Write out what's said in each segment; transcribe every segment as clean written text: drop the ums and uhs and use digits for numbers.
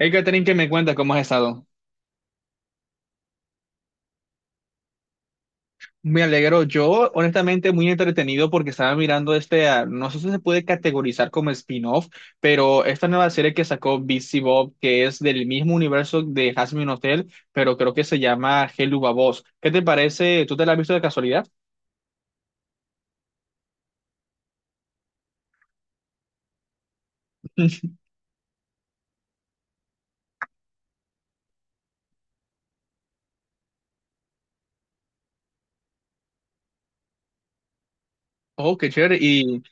Hey, Catherine, ¿qué me cuentas? ¿Cómo has estado? Me alegro. Yo, honestamente, muy entretenido porque estaba mirando no sé si se puede categorizar como spin-off, pero esta nueva serie que sacó Busy Bob, que es del mismo universo de Hazbin Hotel, pero creo que se llama Helluva Boss. ¿Qué te parece? ¿Tú te la has visto de casualidad? Oh, qué chévere. ¿Y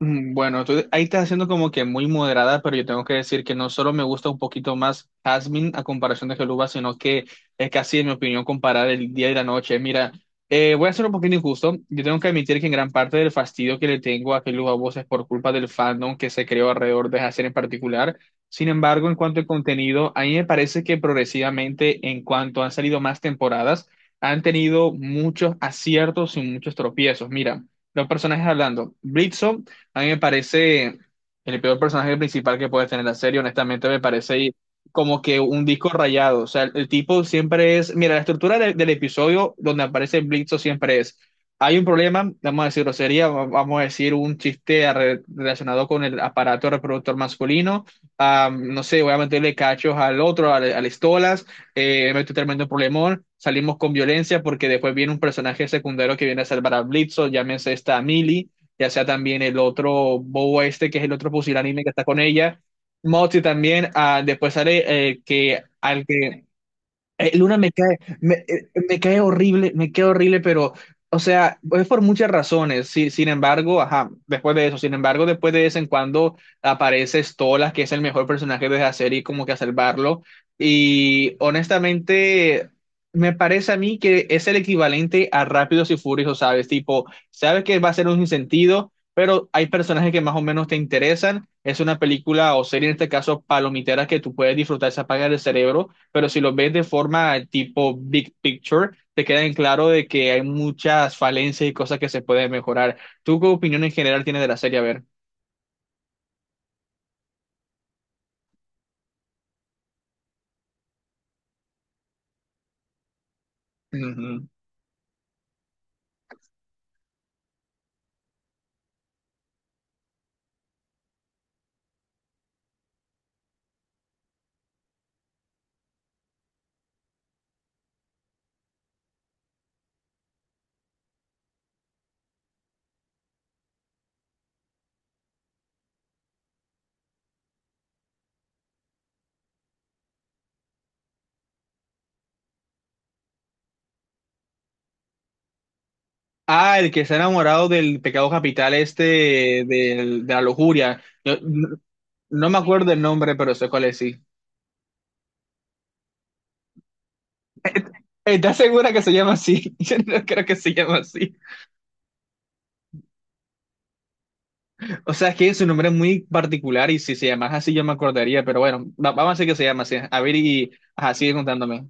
Mm, bueno, tú ahí estás haciendo como que muy moderada, pero yo tengo que decir que no solo me gusta un poquito más Jasmine a comparación de Geluba, sino que es casi, en mi opinión, comparar el día y la noche. Mira, voy a ser un poquito injusto. Yo tengo que admitir que en gran parte del fastidio que le tengo a Geluba Voz es por culpa del fandom que se creó alrededor de Jasmine en particular. Sin embargo, en cuanto al contenido, a mí me parece que progresivamente, en cuanto han salido más temporadas, han tenido muchos aciertos y muchos tropiezos. Mira. Los personajes hablando. Blitzo a mí me parece el peor personaje principal que puede tener la serie, honestamente me parece como que un disco rayado. O sea, el tipo siempre es, mira, la estructura del episodio donde aparece Blitzo siempre es, hay un problema, vamos a decirlo, sería, vamos a decir, un chiste relacionado con el aparato reproductor masculino. Ah, no sé, voy a meterle cachos al otro, al Estolas, meto un tremendo problemón. Salimos con violencia porque después viene un personaje secundario que viene a salvar a Blitzo, llámese esta Millie, ya sea también el otro Bobo este, que es el otro pusilánime que está con ella, Moxie también. Ah, después sale que al que Luna me cae, me, me cae horrible, pero, o sea, es por muchas razones. Sí, sin embargo, ajá, después de eso, sin embargo, después de vez en cuando aparece Stolas, que es el mejor personaje de la serie, como que a salvarlo. Y honestamente, me parece a mí que es el equivalente a Rápidos y Furiosos, ¿sabes? Tipo, sabes que va a ser un sinsentido, pero hay personajes que más o menos te interesan. Es una película o serie, en este caso, palomitera, que tú puedes disfrutar, se apaga el cerebro, pero si los ves de forma tipo big picture, te queda en claro de que hay muchas falencias y cosas que se pueden mejorar. ¿Tú qué opinión en general tienes de la serie? A ver. Ujú. Ah, el que está enamorado del pecado capital este de la lujuria. Yo... no, no me acuerdo el nombre, pero sé cuál es, sí. ¿Estás segura que se llama así? Yo no creo que se llama así. O sea, es que su nombre es muy particular y si se llamase así yo me acordaría, pero bueno, vamos a decir que se llama así. A ver y... Ajá, sigue contándome.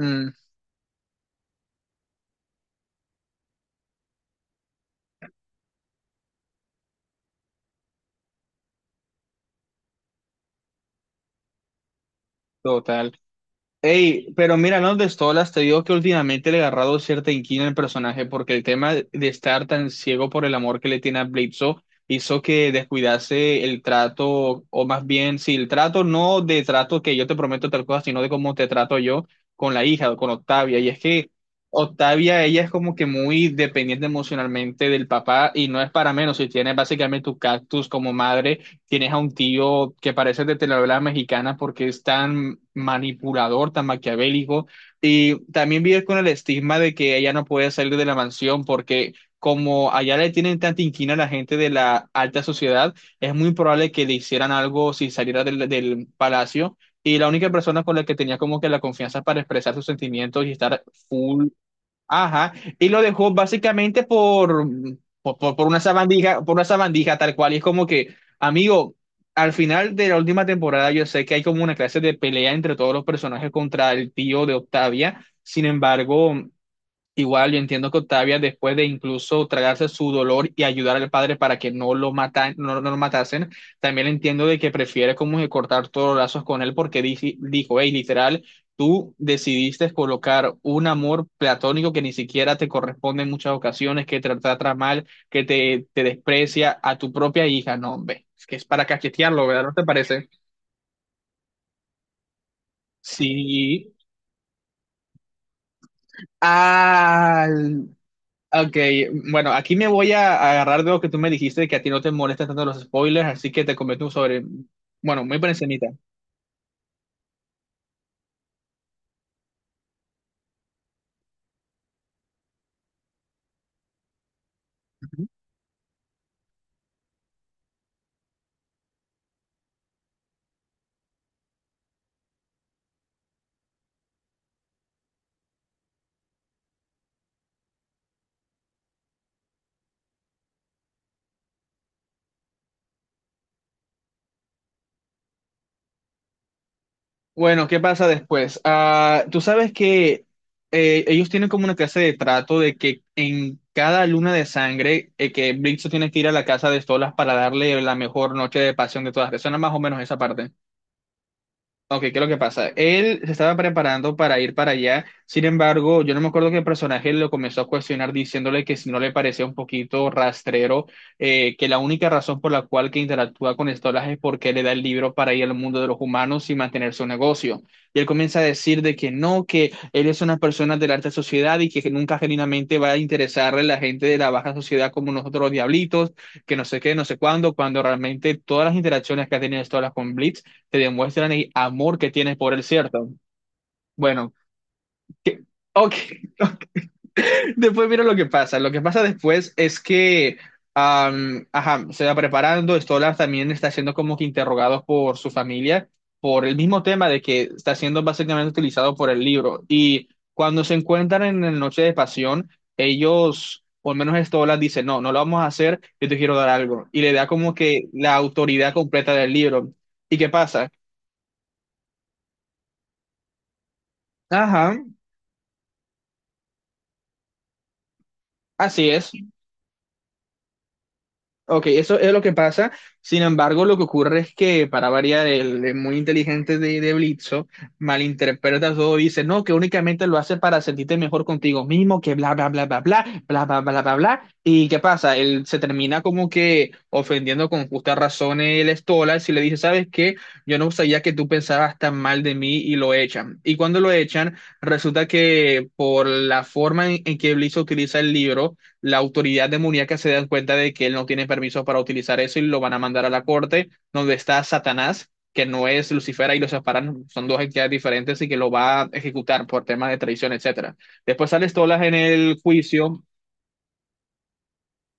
Mm, total. Ey, pero mira, no de Stolas, te digo que últimamente le he agarrado cierta inquina al personaje porque el tema de estar tan ciego por el amor que le tiene a Bledsoe hizo que descuidase el trato, o más bien, si el trato no de trato que yo te prometo tal cosa, sino de cómo te trato yo con la hija, con Octavia. Y es que Octavia, ella es como que muy dependiente emocionalmente del papá y no es para menos si tiene básicamente tu cactus como madre. Tienes a un tío que parece de telenovela mexicana porque es tan manipulador, tan maquiavélico. Y también vive con el estigma de que ella no puede salir de la mansión porque como allá le tienen tanta inquina a la gente de la alta sociedad, es muy probable que le hicieran algo si saliera del palacio. Y la única persona con la que tenía como que la confianza para expresar sus sentimientos y estar full. Ajá, y lo dejó básicamente por, por una sabandija, por una sabandija tal cual. Y es como que, amigo, al final de la última temporada yo sé que hay como una clase de pelea entre todos los personajes contra el tío de Octavia. Sin embargo, igual yo entiendo que Octavia, después de incluso tragarse su dolor y ayudar al padre para que no lo no lo matasen, también entiendo de que prefiere como que cortar todos los lazos con él porque dijo, hey, literal, tú decidiste colocar un amor platónico que ni siquiera te corresponde en muchas ocasiones, que te trata mal, que te desprecia a tu propia hija. No, hombre, es que es para cachetearlo, ¿verdad? ¿No te parece? Sí. Ah, ok, bueno, aquí me voy a agarrar de lo que tú me dijiste, que a ti no te molestan tanto los spoilers, así que te comento un sobre, bueno, muy por encimita. Ujú. Bueno, ¿qué pasa después? Ah, tú sabes que ellos tienen como una clase de trato de que en cada luna de sangre, que Blitzo tiene que ir a la casa de Stolas para darle la mejor noche de pasión de todas. ¿Te suena más o menos esa parte? Ok, ¿qué es lo que pasa? Él se estaba preparando para ir para allá, sin embargo, yo no me acuerdo que el personaje lo comenzó a cuestionar diciéndole que si no le parecía un poquito rastrero, que la única razón por la cual que interactúa con Stolas es porque le da el libro para ir al mundo de los humanos y mantener su negocio. Y él comienza a decir de que no, que él es una persona de la alta sociedad y que nunca genuinamente va a interesarle a la gente de la baja sociedad como nosotros los diablitos, que no sé qué, no sé cuándo, cuando realmente todas las interacciones que ha tenido Stolas con Blitz te demuestran el amor que tienes por él, ¿cierto? Bueno, que... ok, después mira lo que pasa. Lo que pasa después es que, ajá, se va preparando, Stolar también está siendo como que interrogado por su familia por el mismo tema de que está siendo básicamente utilizado por el libro. Y cuando se encuentran en la noche de pasión, ellos... O al menos Stolar dice, no, no lo vamos a hacer, yo te quiero dar algo. Y le da como que la autoridad completa del libro. ¿Y qué pasa? Ajá, así es. Ok, eso es lo que pasa. Sin embargo, lo que ocurre es que, para variar, el muy inteligente de Blitzo malinterpreta todo y dice, no, que únicamente lo hace para sentirte mejor contigo mismo, que bla, bla, bla, bla, bla, bla, bla, bla, bla, bla. ¿Y qué pasa? Él se termina como que ofendiendo con justa razón el Stolas y le dice, ¿sabes qué? Yo no sabía que tú pensabas tan mal de mí y lo echan. Y cuando lo echan, resulta que por la forma en que Blitzo utiliza el libro, la autoridad demoníaca se dan cuenta de que él no tiene permiso para utilizar eso y lo van a mandar a la corte, donde está Satanás, que no es Lucifer y los separan, son dos entidades diferentes y que lo va a ejecutar por temas de traición, etcétera. Después sale Stolas en el juicio,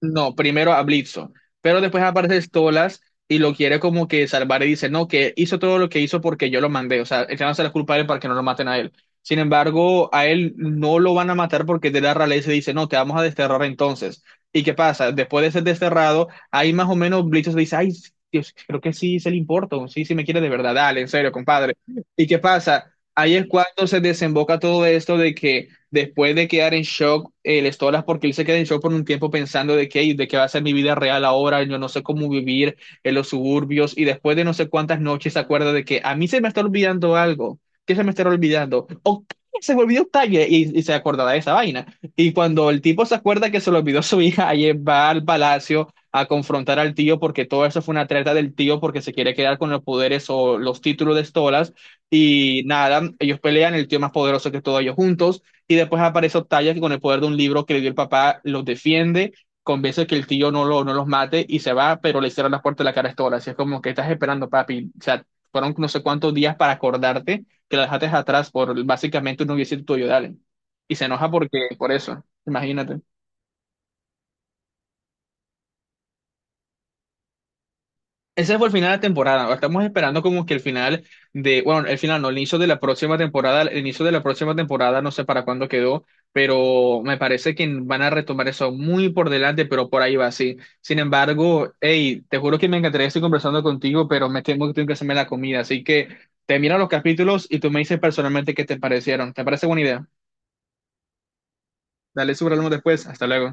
no, primero a Bledsoe, pero después aparece Stolas y lo quiere como que salvar y dice, no, que hizo todo lo que hizo porque yo lo mandé, o sea, el no se la culpa a él para que no lo maten a él. Sin embargo, a él no lo van a matar porque de la realeza dice, no, te vamos a desterrar entonces. ¿Y qué pasa? Después de ser desterrado, ahí más o menos Bledsoe se dice, ay, Dios, creo que sí se le importa, sí, sí me quiere de verdad, dale, en serio, compadre. ¿Y qué pasa? Ahí es cuando se desemboca todo esto de que después de quedar en shock, les todas porque él se queda en shock por un tiempo pensando de que, de qué va a ser mi vida real ahora, yo no sé cómo vivir en los suburbios, y después de no sé cuántas noches se acuerda de que a mí se me está olvidando algo, que se me está olvidando, o se me olvidó Octavia, y se acordaba de esa vaina. Y cuando el tipo se acuerda que se le olvidó su hija, ayer va al palacio a confrontar al tío porque todo eso fue una treta del tío porque se quiere quedar con los poderes o los títulos de Stolas y nada, ellos pelean, el tío más poderoso que todos ellos juntos y después aparece Octavia que con el poder de un libro que le dio el papá los defiende, convence que el tío no, lo, no los mate y se va, pero le hicieron las puertas de la cara a Stola. Así es como que estás esperando, papi. O sea, fueron no sé cuántos días para acordarte que la dejaste atrás por básicamente un noviecito tuyo de Allen. Y se enoja porque, por eso, imagínate. Ese fue el final de la temporada. Estamos esperando como que el final de, bueno, el final no, el inicio de la próxima temporada, el inicio de la próxima temporada, no sé para cuándo quedó, pero me parece que van a retomar eso muy por delante, pero por ahí va así. Sin embargo, hey, te juro que me encantaría estar conversando contigo, pero me temo que tengo que hacerme la comida, así que te miro los capítulos y tú me dices personalmente qué te parecieron. ¿Te parece buena idea? Dale, súbralo después. Hasta luego.